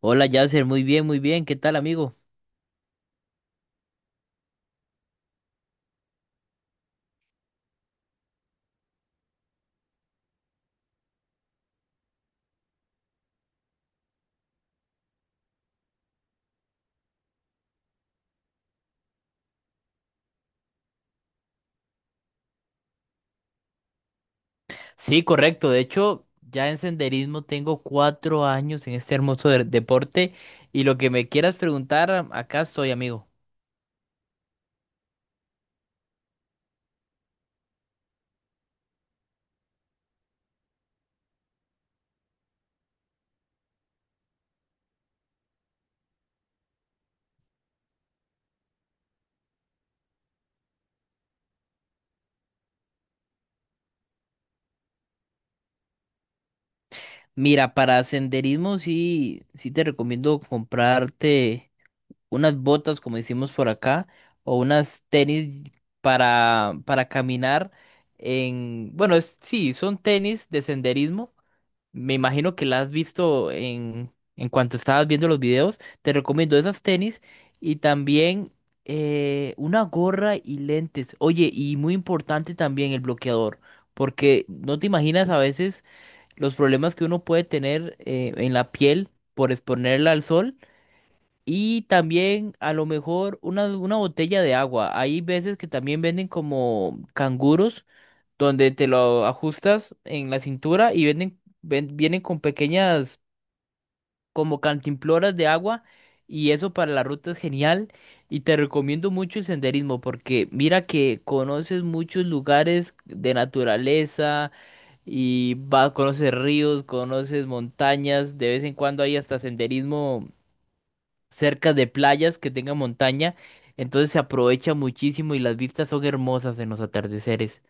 Hola Yasser, muy bien, ¿qué tal amigo? Sí, correcto, de hecho ya en senderismo tengo 4 años en este hermoso deporte y lo que me quieras preguntar, acá estoy amigo. Mira, para senderismo sí, sí te recomiendo comprarte unas botas como decimos por acá o unas tenis para caminar bueno, sí, son tenis de senderismo. Me imagino que la has visto en cuanto estabas viendo los videos. Te recomiendo esas tenis y también una gorra y lentes. Oye, y muy importante también el bloqueador, porque no te imaginas a veces los problemas que uno puede tener en la piel por exponerla al sol. Y también a lo mejor una botella de agua. Hay veces que también venden como canguros donde te lo ajustas en la cintura y venden, vienen con pequeñas como cantimploras de agua, y eso para la ruta es genial, y te recomiendo mucho el senderismo porque mira que conoces muchos lugares de naturaleza y vas, conoces ríos, conoces montañas, de vez en cuando hay hasta senderismo cerca de playas que tengan montaña, entonces se aprovecha muchísimo y las vistas son hermosas en los atardeceres.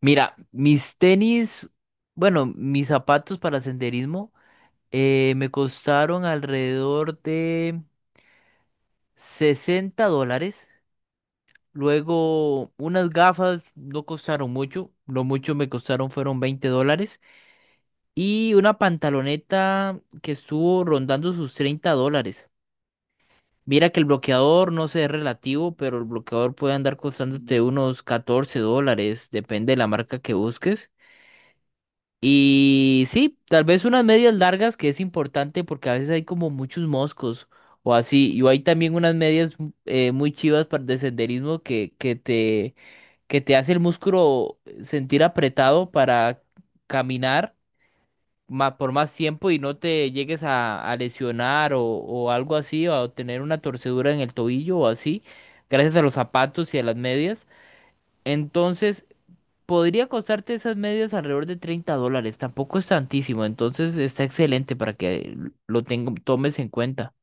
Mira, mis tenis, bueno, mis zapatos para senderismo me costaron alrededor de 60 dólares. Luego, unas gafas no costaron mucho, lo mucho me costaron fueron 20 dólares. Y una pantaloneta que estuvo rondando sus 30 dólares. Mira que el bloqueador no sé, es relativo, pero el bloqueador puede andar costándote unos 14 dólares, depende de la marca que busques. Y sí, tal vez unas medias largas que es importante porque a veces hay como muchos moscos o así. Y hay también unas medias muy chivas para de senderismo que te hace el músculo sentir apretado para caminar por más tiempo y no te llegues a lesionar o algo así, o a tener una torcedura en el tobillo o así, gracias a los zapatos y a las medias. Entonces, podría costarte esas medias alrededor de 30 dólares, tampoco es tantísimo, entonces está excelente para que lo tomes en cuenta.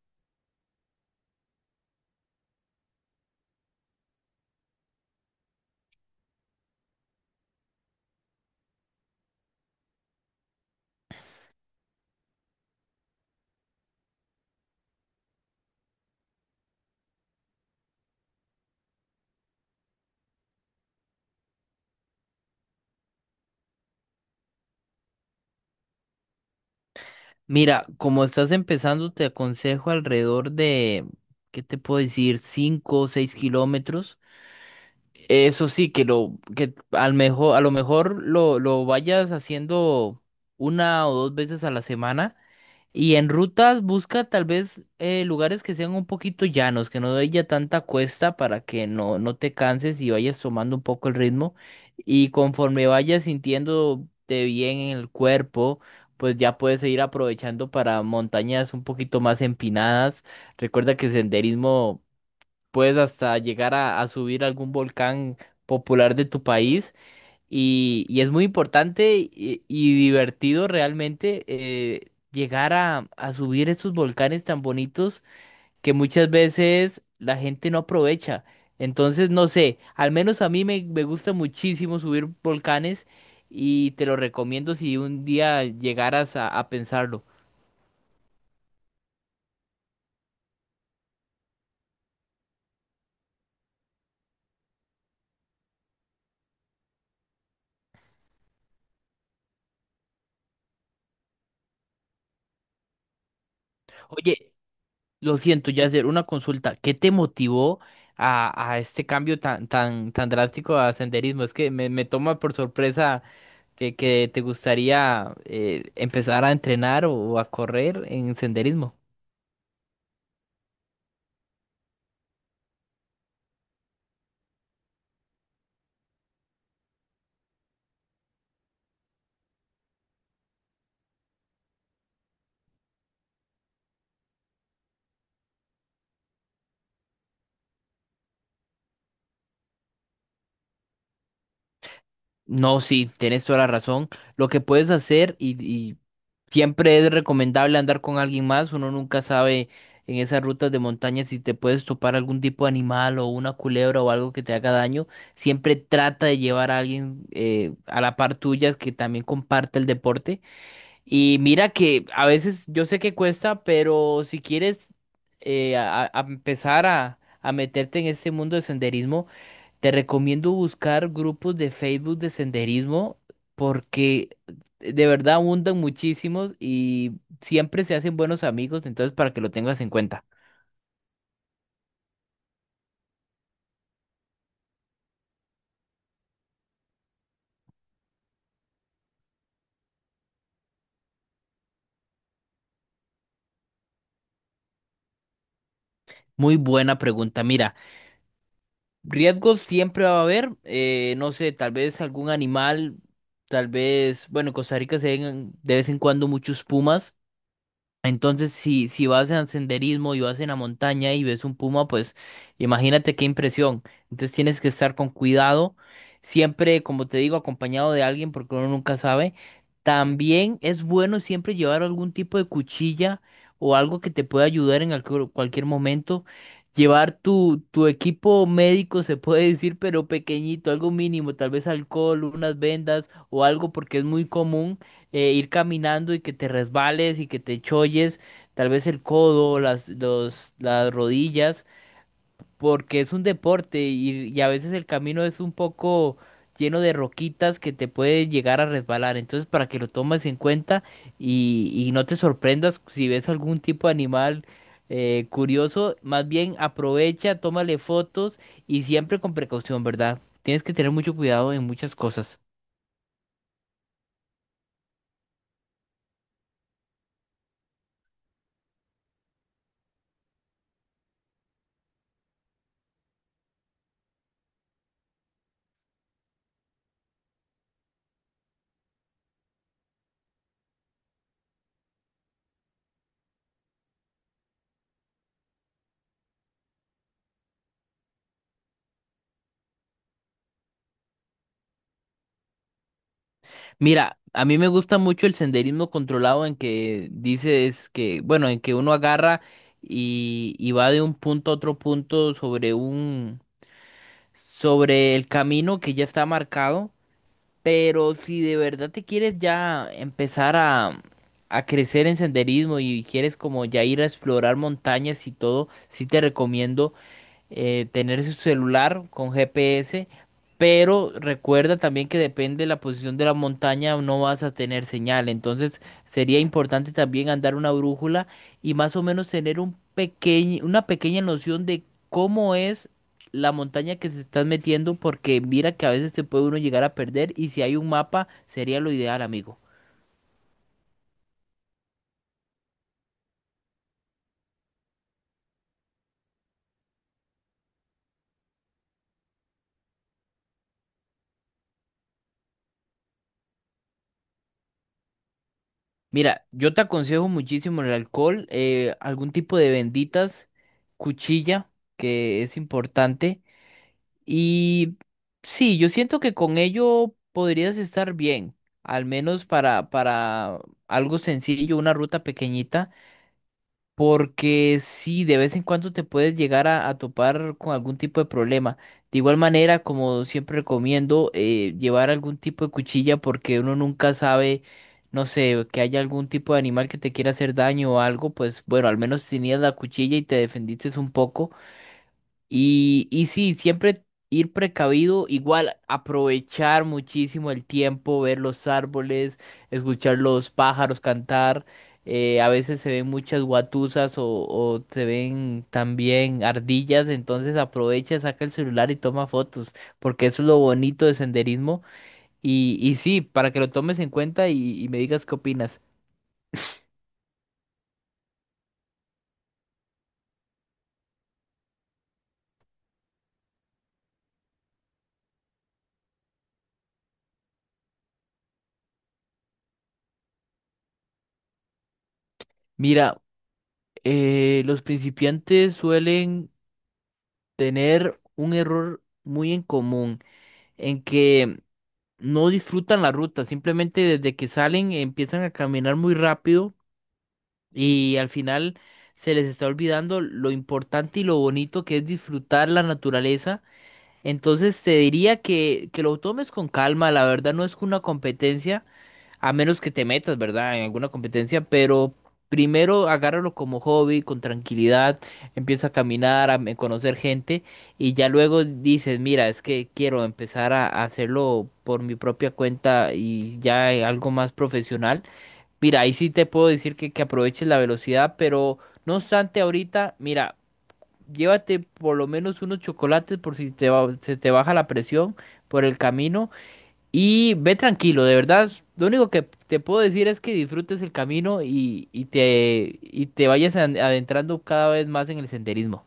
Mira, como estás empezando, te aconsejo alrededor de, ¿qué te puedo decir? 5 o 6 kilómetros. Eso sí, a lo mejor lo vayas haciendo una o dos veces a la semana. Y en rutas busca tal vez lugares que sean un poquito llanos, que no haya tanta cuesta para que no te canses y vayas tomando un poco el ritmo. Y conforme vayas sintiéndote bien en el cuerpo, pues ya puedes ir aprovechando para montañas un poquito más empinadas. Recuerda que senderismo puedes hasta llegar a subir algún volcán popular de tu país. Y es muy importante y divertido realmente, llegar a subir estos volcanes tan bonitos que muchas veces la gente no aprovecha. Entonces, no sé, al menos a mí me gusta muchísimo subir volcanes y te lo recomiendo si un día llegaras a pensarlo. Oye, lo siento, ya hacer una consulta. ¿Qué te motivó a este cambio tan, tan, tan drástico a senderismo? Es que me toma por sorpresa que te gustaría empezar a entrenar o a correr en senderismo. No, sí, tienes toda la razón. Lo que puedes hacer y siempre es recomendable andar con alguien más. Uno nunca sabe en esas rutas de montaña si te puedes topar algún tipo de animal o una culebra o algo que te haga daño. Siempre trata de llevar a alguien, a la par tuya, que también comparte el deporte. Y mira que a veces yo sé que cuesta, pero si quieres, a empezar a meterte en este mundo de senderismo, te recomiendo buscar grupos de Facebook de senderismo porque de verdad abundan muchísimos y siempre se hacen buenos amigos, entonces para que lo tengas en cuenta. Muy buena pregunta. Mira, riesgos siempre va a haber, no sé, tal vez algún animal, tal vez, bueno, en Costa Rica se ven de vez en cuando muchos pumas. Entonces, si vas en senderismo y vas en la montaña y ves un puma, pues imagínate qué impresión. Entonces tienes que estar con cuidado, siempre, como te digo, acompañado de alguien porque uno nunca sabe. También es bueno siempre llevar algún tipo de cuchilla o algo que te pueda ayudar en cualquier momento. Llevar tu equipo médico, se puede decir, pero pequeñito, algo mínimo, tal vez alcohol, unas vendas o algo porque es muy común ir caminando y que te resbales y que te cholles, tal vez el codo, las, los, las rodillas, porque es un deporte y a veces el camino es un poco lleno de roquitas que te puede llegar a resbalar. Entonces, para que lo tomes en cuenta y no te sorprendas si ves algún tipo de animal, curioso, más bien aprovecha, tómale fotos y siempre con precaución, ¿verdad? Tienes que tener mucho cuidado en muchas cosas. Mira, a mí me gusta mucho el senderismo controlado en que dices que, bueno, en que uno agarra y va de un punto a otro punto sobre sobre el camino que ya está marcado, pero si de verdad te quieres ya empezar a crecer en senderismo y quieres como ya ir a explorar montañas y todo, sí te recomiendo tener su celular con GPS, pero recuerda también que depende de la posición de la montaña, no vas a tener señal. Entonces sería importante también andar una brújula y más o menos tener un pequeño, una pequeña noción de cómo es la montaña que se estás metiendo, porque mira que a veces te puede uno llegar a perder y si hay un mapa sería lo ideal, amigo. Mira, yo te aconsejo muchísimo el alcohol, algún tipo de benditas, cuchilla, que es importante. Y sí, yo siento que con ello podrías estar bien, al menos para algo sencillo, una ruta pequeñita, porque sí, de vez en cuando te puedes llegar a topar con algún tipo de problema. De igual manera, como siempre recomiendo, llevar algún tipo de cuchilla porque uno nunca sabe, no sé, que haya algún tipo de animal que te quiera hacer daño o algo, pues bueno, al menos tenías la cuchilla y te defendiste un poco. Y sí, siempre ir precavido, igual aprovechar muchísimo el tiempo, ver los árboles, escuchar los pájaros cantar. A veces se ven muchas guatusas o se ven también ardillas, entonces aprovecha, saca el celular y toma fotos, porque eso es lo bonito de senderismo. Y sí, para que lo tomes en cuenta y me digas qué opinas. Mira, los principiantes suelen tener un error muy en común en que no disfrutan la ruta, simplemente desde que salen empiezan a caminar muy rápido y al final se les está olvidando lo importante y lo bonito que es disfrutar la naturaleza. Entonces te diría que lo tomes con calma, la verdad no es una competencia. A menos que te metas, ¿verdad? En alguna competencia, pero primero agárralo como hobby, con tranquilidad, empieza a caminar, a conocer gente y ya luego dices, mira, es que quiero empezar a hacerlo por mi propia cuenta y ya, algo más profesional. Mira, ahí sí te puedo decir que aproveches la velocidad, pero no obstante, ahorita, mira, llévate por lo menos unos chocolates por si se te baja la presión por el camino. Y ve tranquilo, de verdad. Lo único que te puedo decir es que disfrutes el camino y te vayas adentrando cada vez más en el senderismo.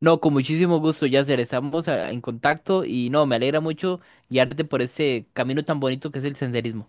No, con muchísimo gusto, Yasser. Estamos, en contacto y no, me alegra mucho guiarte por ese camino tan bonito que es el senderismo.